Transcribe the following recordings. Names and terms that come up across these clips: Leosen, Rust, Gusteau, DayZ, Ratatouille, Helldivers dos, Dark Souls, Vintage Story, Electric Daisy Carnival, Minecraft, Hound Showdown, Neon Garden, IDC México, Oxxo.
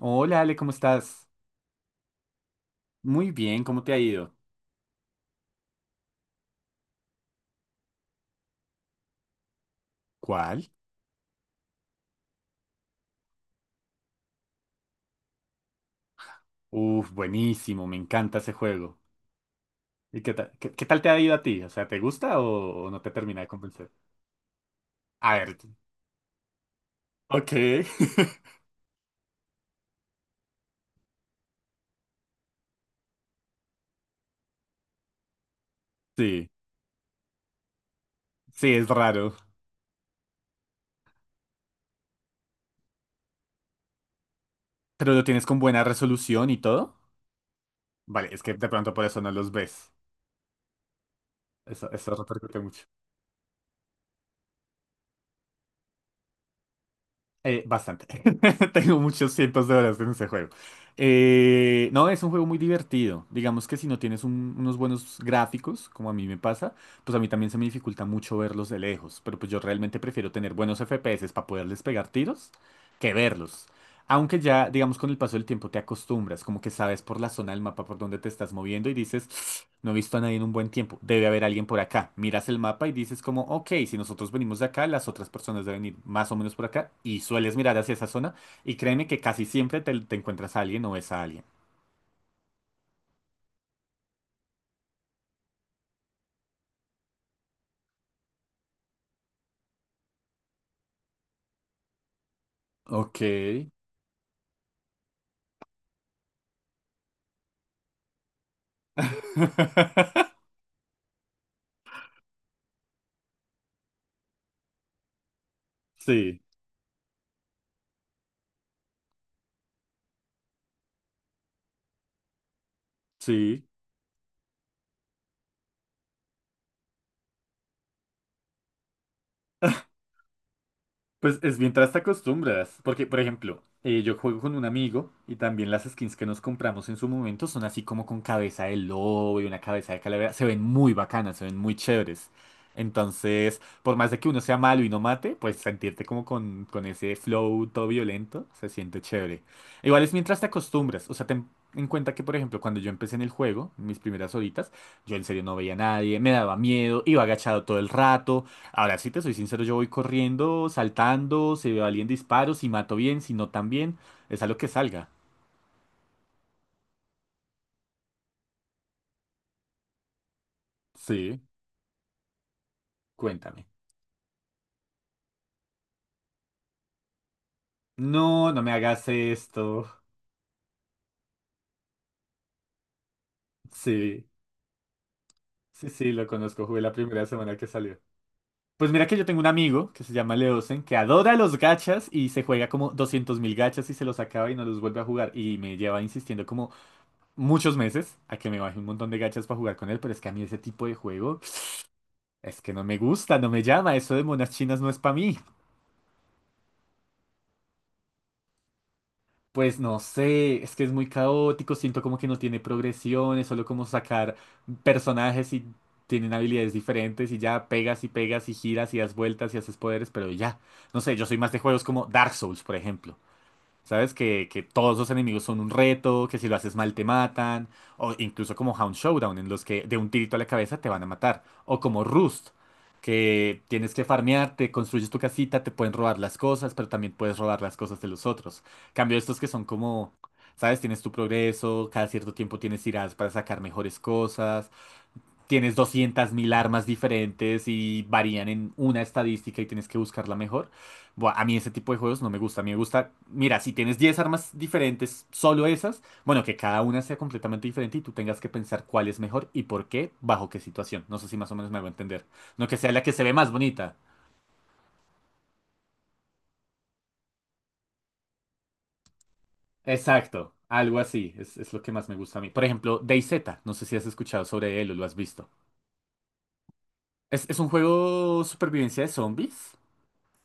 Hola Ale, ¿cómo estás? Muy bien, ¿cómo te ha ido? ¿Cuál? Uf, buenísimo, me encanta ese juego. ¿Y qué tal te ha ido a ti? O sea, ¿te gusta o no te termina de convencer? A ver, ok. Sí, sí, es raro. ¿Pero lo tienes con buena resolución y todo? Vale, es que de pronto por eso no los ves. Eso repercute mucho. Bastante. Tengo muchos cientos de horas en ese juego. No, es un juego muy divertido. Digamos que si no tienes unos buenos gráficos, como a mí me pasa, pues a mí también se me dificulta mucho verlos de lejos. Pero pues yo realmente prefiero tener buenos FPS para poderles pegar tiros que verlos. Aunque ya, digamos, con el paso del tiempo te acostumbras, como que sabes por la zona del mapa por donde te estás moviendo y dices, "Ps, no he visto a nadie en un buen tiempo, debe haber alguien por acá". Miras el mapa y dices como, ok, si nosotros venimos de acá, las otras personas deben ir más o menos por acá y sueles mirar hacia esa zona y créeme que casi siempre te encuentras a alguien o ves a alguien. Ok. Sí, sí. Pues es mientras te acostumbras, porque por ejemplo, yo juego con un amigo y también las skins que nos compramos en su momento son así como con cabeza de lobo y una cabeza de calavera, se ven muy bacanas, se ven muy chéveres. Entonces, por más de que uno sea malo y no mate, pues sentirte como con ese flow todo violento se siente chévere. Igual es mientras te acostumbras, o sea, ten en cuenta que por ejemplo cuando yo empecé en el juego, mis primeras horitas, yo en serio no veía a nadie, me daba miedo, iba agachado todo el rato. Ahora, si te soy sincero, yo voy corriendo, saltando, se valían disparos, si mato bien, si no tan bien, es a lo que salga. Sí, cuéntame. No, no me hagas esto. Sí, sí, sí, lo conozco, jugué la primera semana que salió. Pues mira que yo tengo un amigo que se llama Leosen, que adora los gachas y se juega como 200 mil gachas y se los acaba y no los vuelve a jugar. Y me lleva insistiendo como muchos meses a que me baje un montón de gachas para jugar con él, pero es que a mí ese tipo de juego es que no me gusta, no me llama, eso de monas chinas no es para mí. Pues no sé, es que es muy caótico, siento como que no tiene progresión, es solo como sacar personajes y tienen habilidades diferentes y ya pegas y pegas y giras y das vueltas y haces poderes, pero ya. No sé, yo soy más de juegos como Dark Souls, por ejemplo. ¿Sabes? Que todos los enemigos son un reto, que si lo haces mal te matan, o incluso como Hound Showdown, en los que de un tirito a la cabeza te van a matar, o como Rust, que tienes que farmearte, construyes tu casita, te pueden robar las cosas, pero también puedes robar las cosas de los otros. Cambio estos que son como, ¿sabes? Tienes tu progreso, cada cierto tiempo tienes tiradas para sacar mejores cosas, tienes 200.000 armas diferentes y varían en una estadística y tienes que buscar la mejor. Buah, a mí ese tipo de juegos no me gusta. A mí me gusta, mira, si tienes 10 armas diferentes, solo esas, bueno, que cada una sea completamente diferente y tú tengas que pensar cuál es mejor y por qué, bajo qué situación. No sé si más o menos me hago entender. No que sea la que se ve más bonita. Exacto, algo así, es lo que más me gusta a mí. Por ejemplo, DayZ, no sé si has escuchado sobre él o lo has visto. Es un juego supervivencia de zombies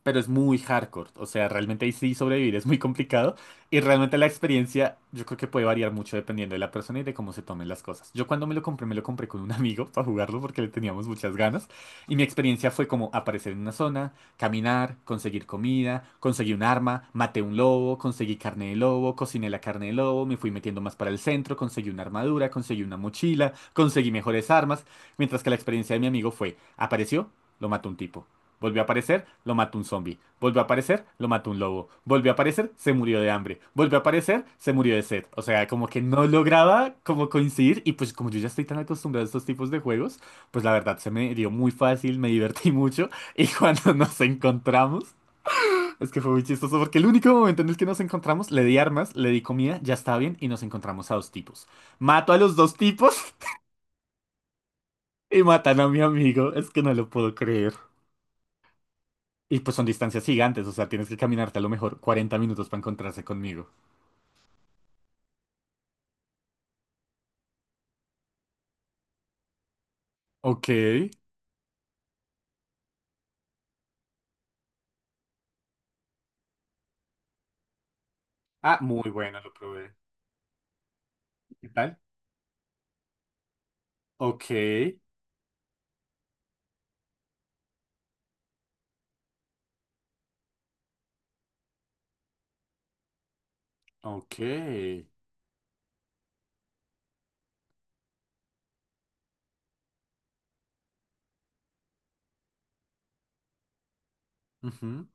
pero es muy hardcore. O sea, realmente ahí sí sobrevivir es muy complicado. Y realmente la experiencia yo creo que puede variar mucho dependiendo de la persona y de cómo se tomen las cosas. Yo cuando me lo compré con un amigo para jugarlo porque le teníamos muchas ganas. Y mi experiencia fue como aparecer en una zona, caminar, conseguir comida, conseguí un arma, maté un lobo, conseguí carne de lobo, cociné la carne de lobo, me fui metiendo más para el centro, conseguí una armadura, conseguí una mochila, conseguí mejores armas. Mientras que la experiencia de mi amigo fue, apareció, lo mató un tipo. Volvió a aparecer, lo mató un zombie. Volvió a aparecer, lo mató un lobo. Volvió a aparecer, se murió de hambre. Volvió a aparecer, se murió de sed. O sea, como que no lograba como coincidir y pues como yo ya estoy tan acostumbrado a estos tipos de juegos, pues la verdad se me dio muy fácil, me divertí mucho y cuando nos encontramos, es que fue muy chistoso porque el único momento en el que nos encontramos, le di armas, le di comida, ya está bien y nos encontramos a dos tipos. Mato a los dos tipos y matan a mi amigo, es que no lo puedo creer. Y pues son distancias gigantes, o sea, tienes que caminarte a lo mejor 40 minutos para encontrarse conmigo. Ok. Ah, muy bueno, lo probé. ¿Qué tal? Ok, ok. Ujú,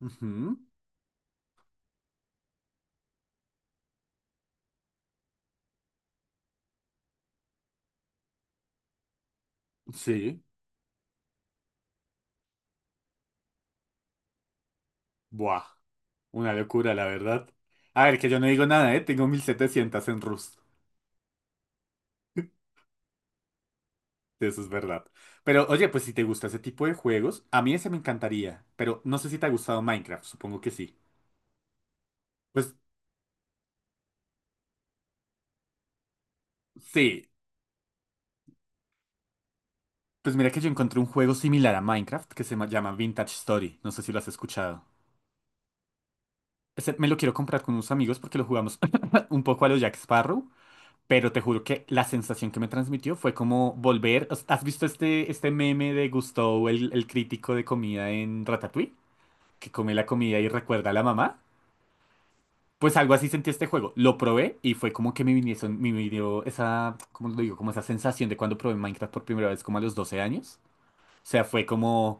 ujú. Sí. Buah, una locura, la verdad. A ver, que yo no digo nada, ¿eh? Tengo 1.700 en Rust. Eso es verdad. Pero oye, pues si te gusta ese tipo de juegos, a mí ese me encantaría. Pero no sé si te ha gustado Minecraft, supongo que sí. Pues sí, pues mira que yo encontré un juego similar a Minecraft que se llama Vintage Story. No sé si lo has escuchado. Ese me lo quiero comprar con unos amigos porque lo jugamos un poco a los Jack Sparrow, pero te juro que la sensación que me transmitió fue como volver. ¿Has visto este meme de Gusteau, el crítico de comida en Ratatouille? Que come la comida y recuerda a la mamá. Pues algo así sentí este juego. Lo probé y fue como que me vinieron, me vino esa, ¿cómo lo digo? Como esa sensación de cuando probé Minecraft por primera vez, como a los 12 años. O sea, fue como.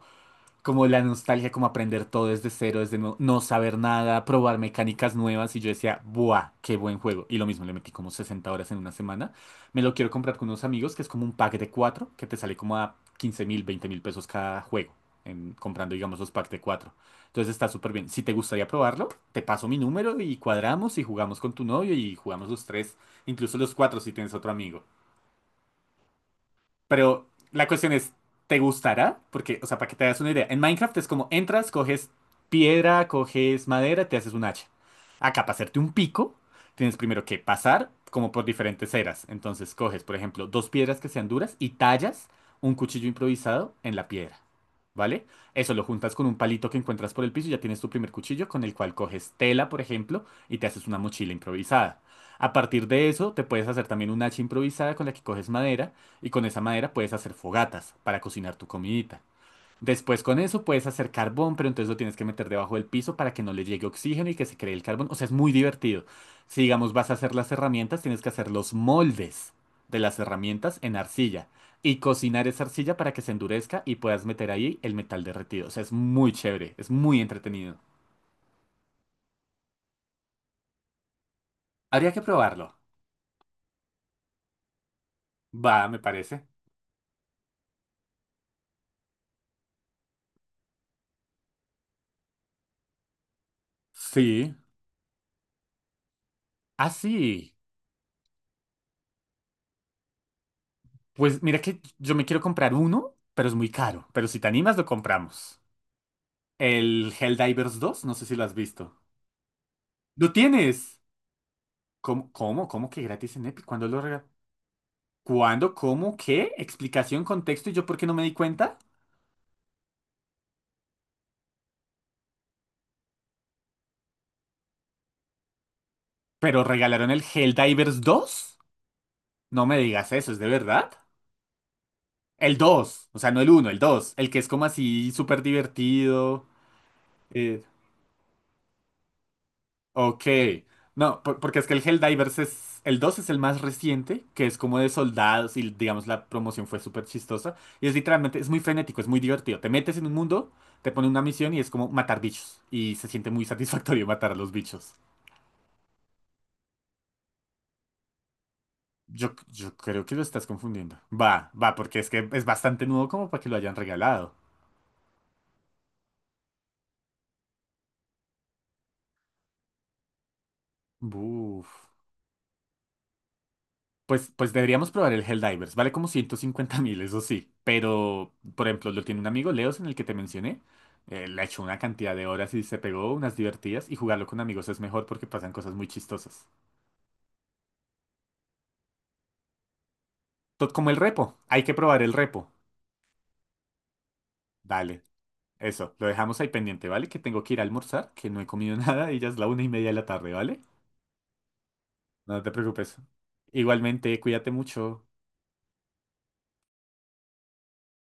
como la nostalgia, como aprender todo desde cero, desde no, no saber nada, probar mecánicas nuevas. Y yo decía, ¡buah! ¡Qué buen juego! Y lo mismo, le metí como 60 horas en una semana. Me lo quiero comprar con unos amigos, que es como un pack de cuatro, que te sale como a 15.000, 20.000 pesos cada juego, comprando, digamos, los packs de cuatro. Entonces está súper bien. Si te gustaría probarlo, te paso mi número y cuadramos y jugamos con tu novio y jugamos los tres, incluso los cuatro si tienes otro amigo. Pero la cuestión es, ¿te gustará? Porque, o sea, para que te hagas una idea, en Minecraft es como entras, coges piedra, coges madera, te haces un hacha. Acá, para hacerte un pico, tienes primero que pasar como por diferentes eras. Entonces, coges, por ejemplo, dos piedras que sean duras y tallas un cuchillo improvisado en la piedra. ¿Vale? Eso lo juntas con un palito que encuentras por el piso y ya tienes tu primer cuchillo con el cual coges tela, por ejemplo, y te haces una mochila improvisada. A partir de eso, te puedes hacer también un hacha improvisada con la que coges madera y con esa madera puedes hacer fogatas para cocinar tu comidita. Después con eso puedes hacer carbón, pero entonces lo tienes que meter debajo del piso para que no le llegue oxígeno y que se cree el carbón. O sea, es muy divertido. Si digamos vas a hacer las herramientas, tienes que hacer los moldes de las herramientas en arcilla y cocinar esa arcilla para que se endurezca y puedas meter ahí el metal derretido. O sea, es muy chévere, es muy entretenido. Habría que probarlo. Va, me parece. Sí. Ah, sí. Pues mira que yo me quiero comprar uno, pero es muy caro. Pero si te animas, lo compramos. El Helldivers dos, no sé si lo has visto. ¡Lo tienes! ¿Cómo, cómo, cómo que gratis en Epic? ¿Cuándo lo regalaron? ¿Cuándo? ¿Cómo? ¿Qué? ¿Explicación, contexto? ¿Y yo por qué no me di cuenta? ¿Pero regalaron el Helldivers dos? No me digas eso, ¿es de verdad? El dos, o sea, no el uno, el 2. El que es como así súper divertido. eh, Ok. No, porque es que el Helldivers es. El 2 es el más reciente, que es como de soldados y digamos la promoción fue súper chistosa. Y es literalmente, es muy frenético, es muy divertido. Te metes en un mundo, te pone una misión y es como matar bichos. Y se siente muy satisfactorio matar a los bichos. Yo creo que lo estás confundiendo. Va, va, porque es que es bastante nuevo como para que lo hayan regalado. Buf. Pues deberíamos probar el Helldivers. Vale como 150.000, eso sí. Pero, por ejemplo, lo tiene un amigo, Leos, en el que te mencioné. Le ha hecho una cantidad de horas y se pegó unas divertidas. Y jugarlo con amigos es mejor porque pasan cosas muy chistosas. Tot como el repo. Hay que probar el repo. Dale. Eso, lo dejamos ahí pendiente, ¿vale? Que tengo que ir a almorzar, que no he comido nada y ya es la 1:30 de la tarde, ¿vale? No te preocupes. Igualmente, cuídate mucho.